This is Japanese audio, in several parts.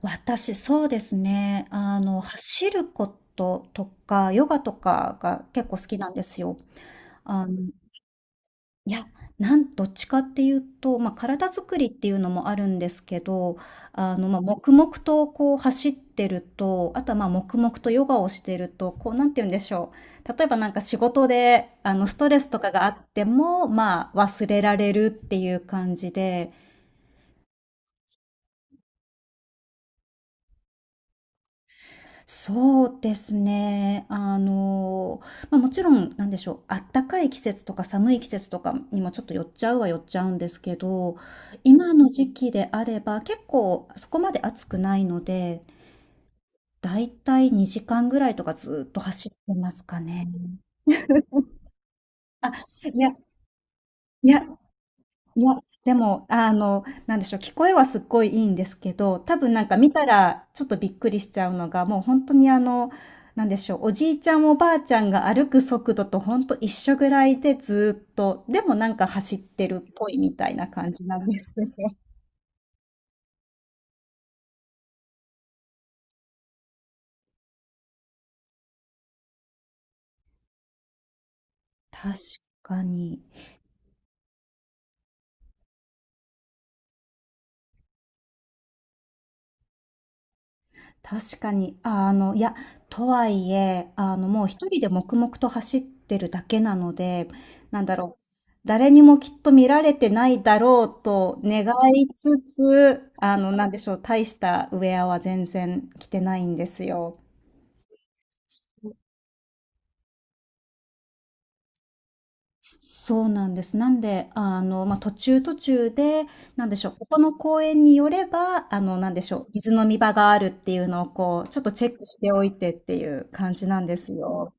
私、そうですね。走ることとか、ヨガとかが結構好きなんですよ。あの、いや、どっちかっていうと、まあ、体作りっていうのもあるんですけど、まあ、黙々とこう走ってると、あとはまあ、黙々とヨガをしてると、こう、なんて言うんでしょう。例えばなんか仕事で、ストレスとかがあっても、まあ、忘れられるっていう感じで、そうですね。まあ、もちろん、なんでしょう、あったかい季節とか寒い季節とかにもちょっと寄っちゃうは寄っちゃうんですけど、今の時期であれば、結構そこまで暑くないので、だいたい2時間ぐらいとかずっと走ってますかね。あ、いやいやいや、でも、なんでしょう、聞こえはすっごいいいんですけど、多分なんか見たらちょっとびっくりしちゃうのが、もう本当にあの、なんでしょう、おじいちゃんおばあちゃんが歩く速度とほんと一緒ぐらいでずっと、でもなんか走ってるっぽいみたいな感じなんですね。確かに。確かに。あ、いや、とはいえ、もう一人で黙々と走ってるだけなので、なんだろう、誰にもきっと見られてないだろうと願いつつ、なんでしょう、大したウェアは全然着てないんですよ。そうなんです。なんで、まあ、途中途中で、なんでしょう、ここの公園によれば、なんでしょう、水飲み場があるっていうのをこう、ちょっとチェックしておいてっていう感じなんですよ。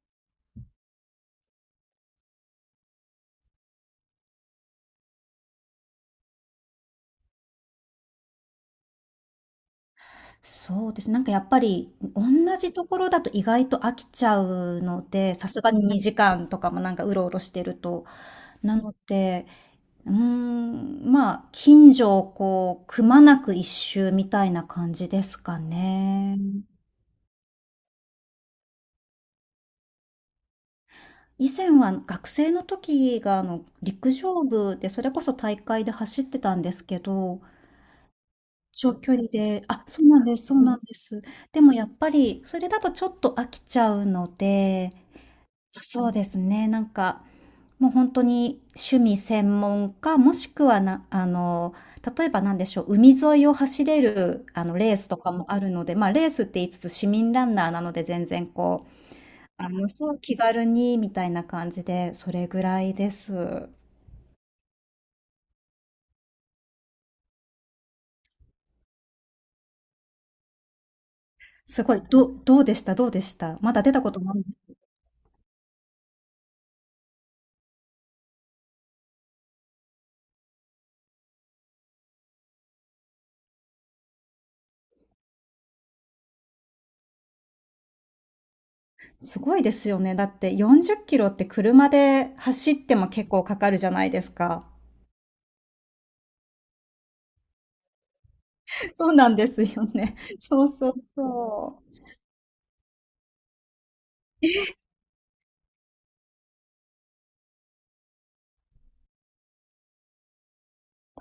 そうですね。なんかやっぱり、同じところだと意外と飽きちゃうので、さすがに2時間とかもなんかうろうろしてると。なので、うーん、まあ、近所をこう、くまなく一周みたいな感じですかね。以前は学生の時があの陸上部でそれこそ大会で走ってたんですけど、長距離で、あ、そうなんです、そうなんです。でもやっぱりそれだとちょっと飽きちゃうので、そうですね。なんか、もう本当に趣味専門か、もしくはな例えばなんでしょう、海沿いを走れる、レースとかもあるので、まあ、レースって言いつつ市民ランナーなので、全然こう、そう、気軽にみたいな感じで、それぐらいです。すごい、どどうでした？まだ出たことない。すごいですよね。だって40キロって車で走っても結構かかるじゃないですか。そうなんですよね。そうそうそう。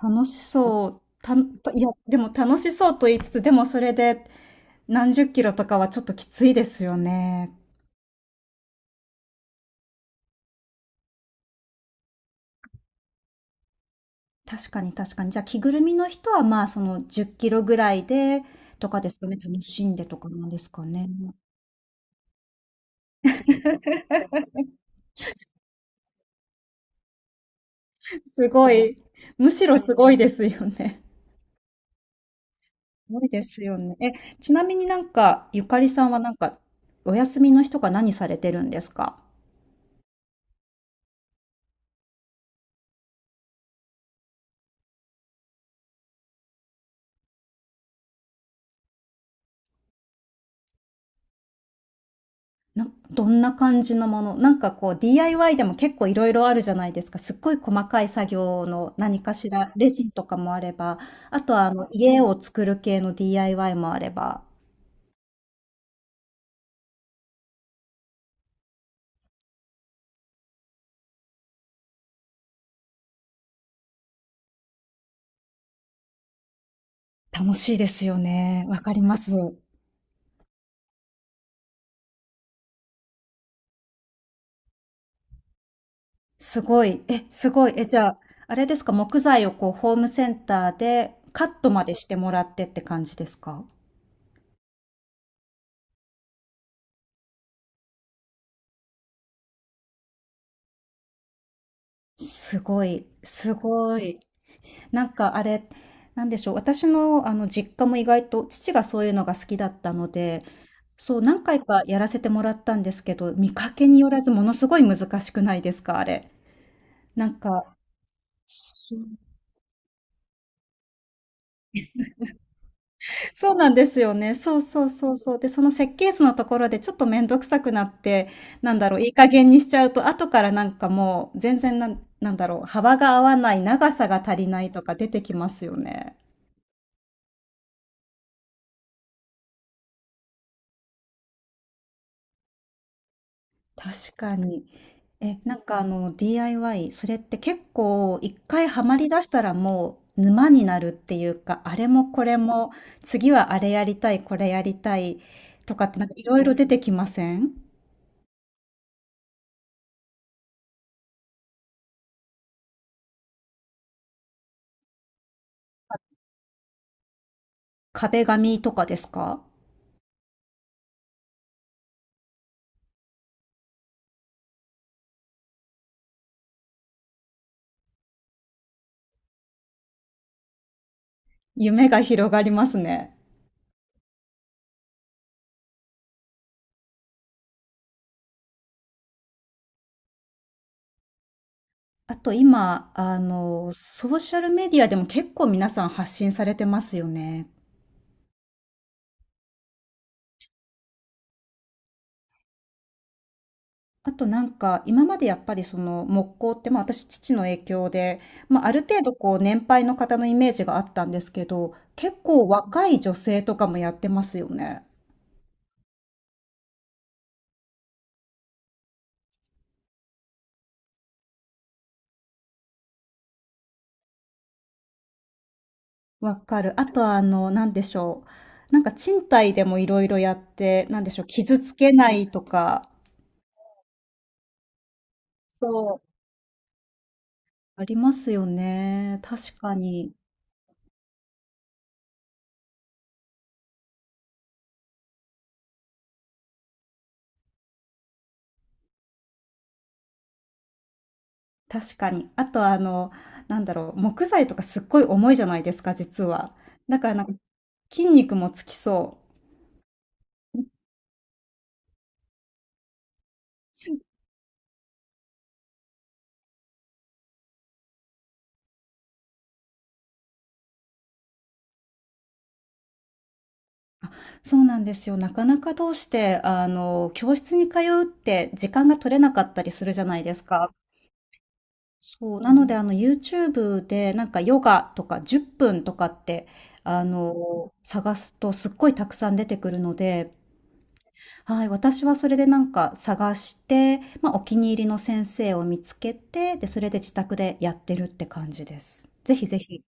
楽しそう。た、いや、でも楽しそうと言いつつ、でもそれで何十キロとかはちょっときついですよね。確かに確かに。じゃあ着ぐるみの人はまあその10キロぐらいでとかですかね。楽しんでとかなんですかね。すごい。むしろすごいですよね。すごいですよね。え、ちなみになんか、ゆかりさんはなんか、お休みの日とか何されてるんですか？な、どんな感じのものなんかこう DIY でも結構いろいろあるじゃないですか。すっごい細かい作業の何かしら、レジンとかもあれば、あとはあの家を作る系の DIY もあれば、楽しいですよね。わかります。すごい。え、すごい。え、じゃあ、あれですか、木材をこうホームセンターでカットまでしてもらってって感じですか？すごい、すごい。なんかあれ、なんでしょう、私のあの実家も意外と父がそういうのが好きだったので、そう、何回かやらせてもらったんですけど、見かけによらずものすごい難しくないですか？あれ。なんかそうなんですよね。そうそうそうそう。で、その設計図のところでちょっとめんどくさくなって、なんだろう、いい加減にしちゃうと、後からなんかもう全然なんなんだろう、幅が合わない、長さが足りないとか出てきますよね。確かに。え、なんかあの、 DIY、それって結構一回ハマりだしたらもう沼になるっていうか、あれもこれも、次はあれやりたい、これやりたいとかってなんかいろいろ出てきません？壁紙とかですか？夢が広がりますね。あと今、ソーシャルメディアでも結構皆さん発信されてますよね。あとなんか、今までやっぱりその木工って、まあ、私父の影響で、まあ、ある程度こう年配の方のイメージがあったんですけど、結構若い女性とかもやってますよね。わかる。あとはあの、なんでしょう。なんか賃貸でもいろいろやって、なんでしょう、傷つけないとか。そう。ありますよね。確かに。確かに。あとはあの、なんだろう、木材とかすっごい重いじゃないですか、実は。だからなんか筋肉もつきそう。そうなんですよ。なかなかどうして、教室に通うって時間が取れなかったりするじゃないですか。そう、なので、YouTube で、なんかヨガとか10分とかって、探すとすっごいたくさん出てくるので、はい、私はそれでなんか探して、ま、お気に入りの先生を見つけて、で、それで自宅でやってるって感じです。ぜひぜひ。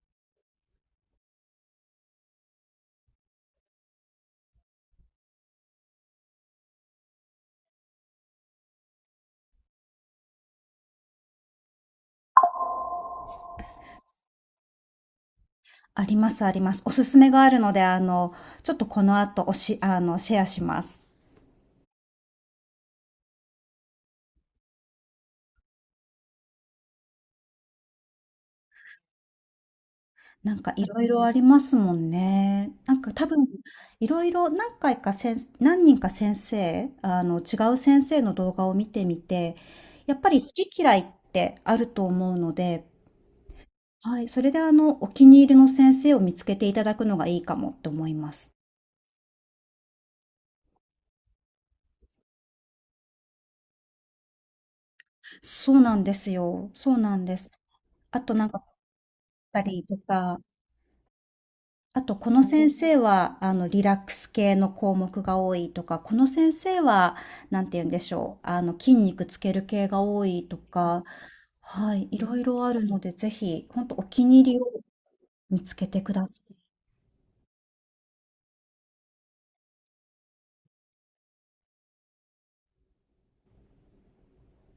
ありますあります。おすすめがあるので、ちょっとこの後おあの、シェアします。なんかいろいろありますもんね。なんか多分いろいろ何回か先何人か先生、あの違う先生の動画を見てみて、やっぱり好き嫌いってあると思うので、はい、それであのお気に入りの先生を見つけていただくのがいいかもって思います。そうなんですよ。そうなんです。あとなんか、ったりとか、あと、この先生は、リラックス系の項目が多いとか、この先生は、なんて言うんでしょう、筋肉つける系が多いとか、はい、いろいろあるので、ぜひ、本当お気に入りを見つけてください。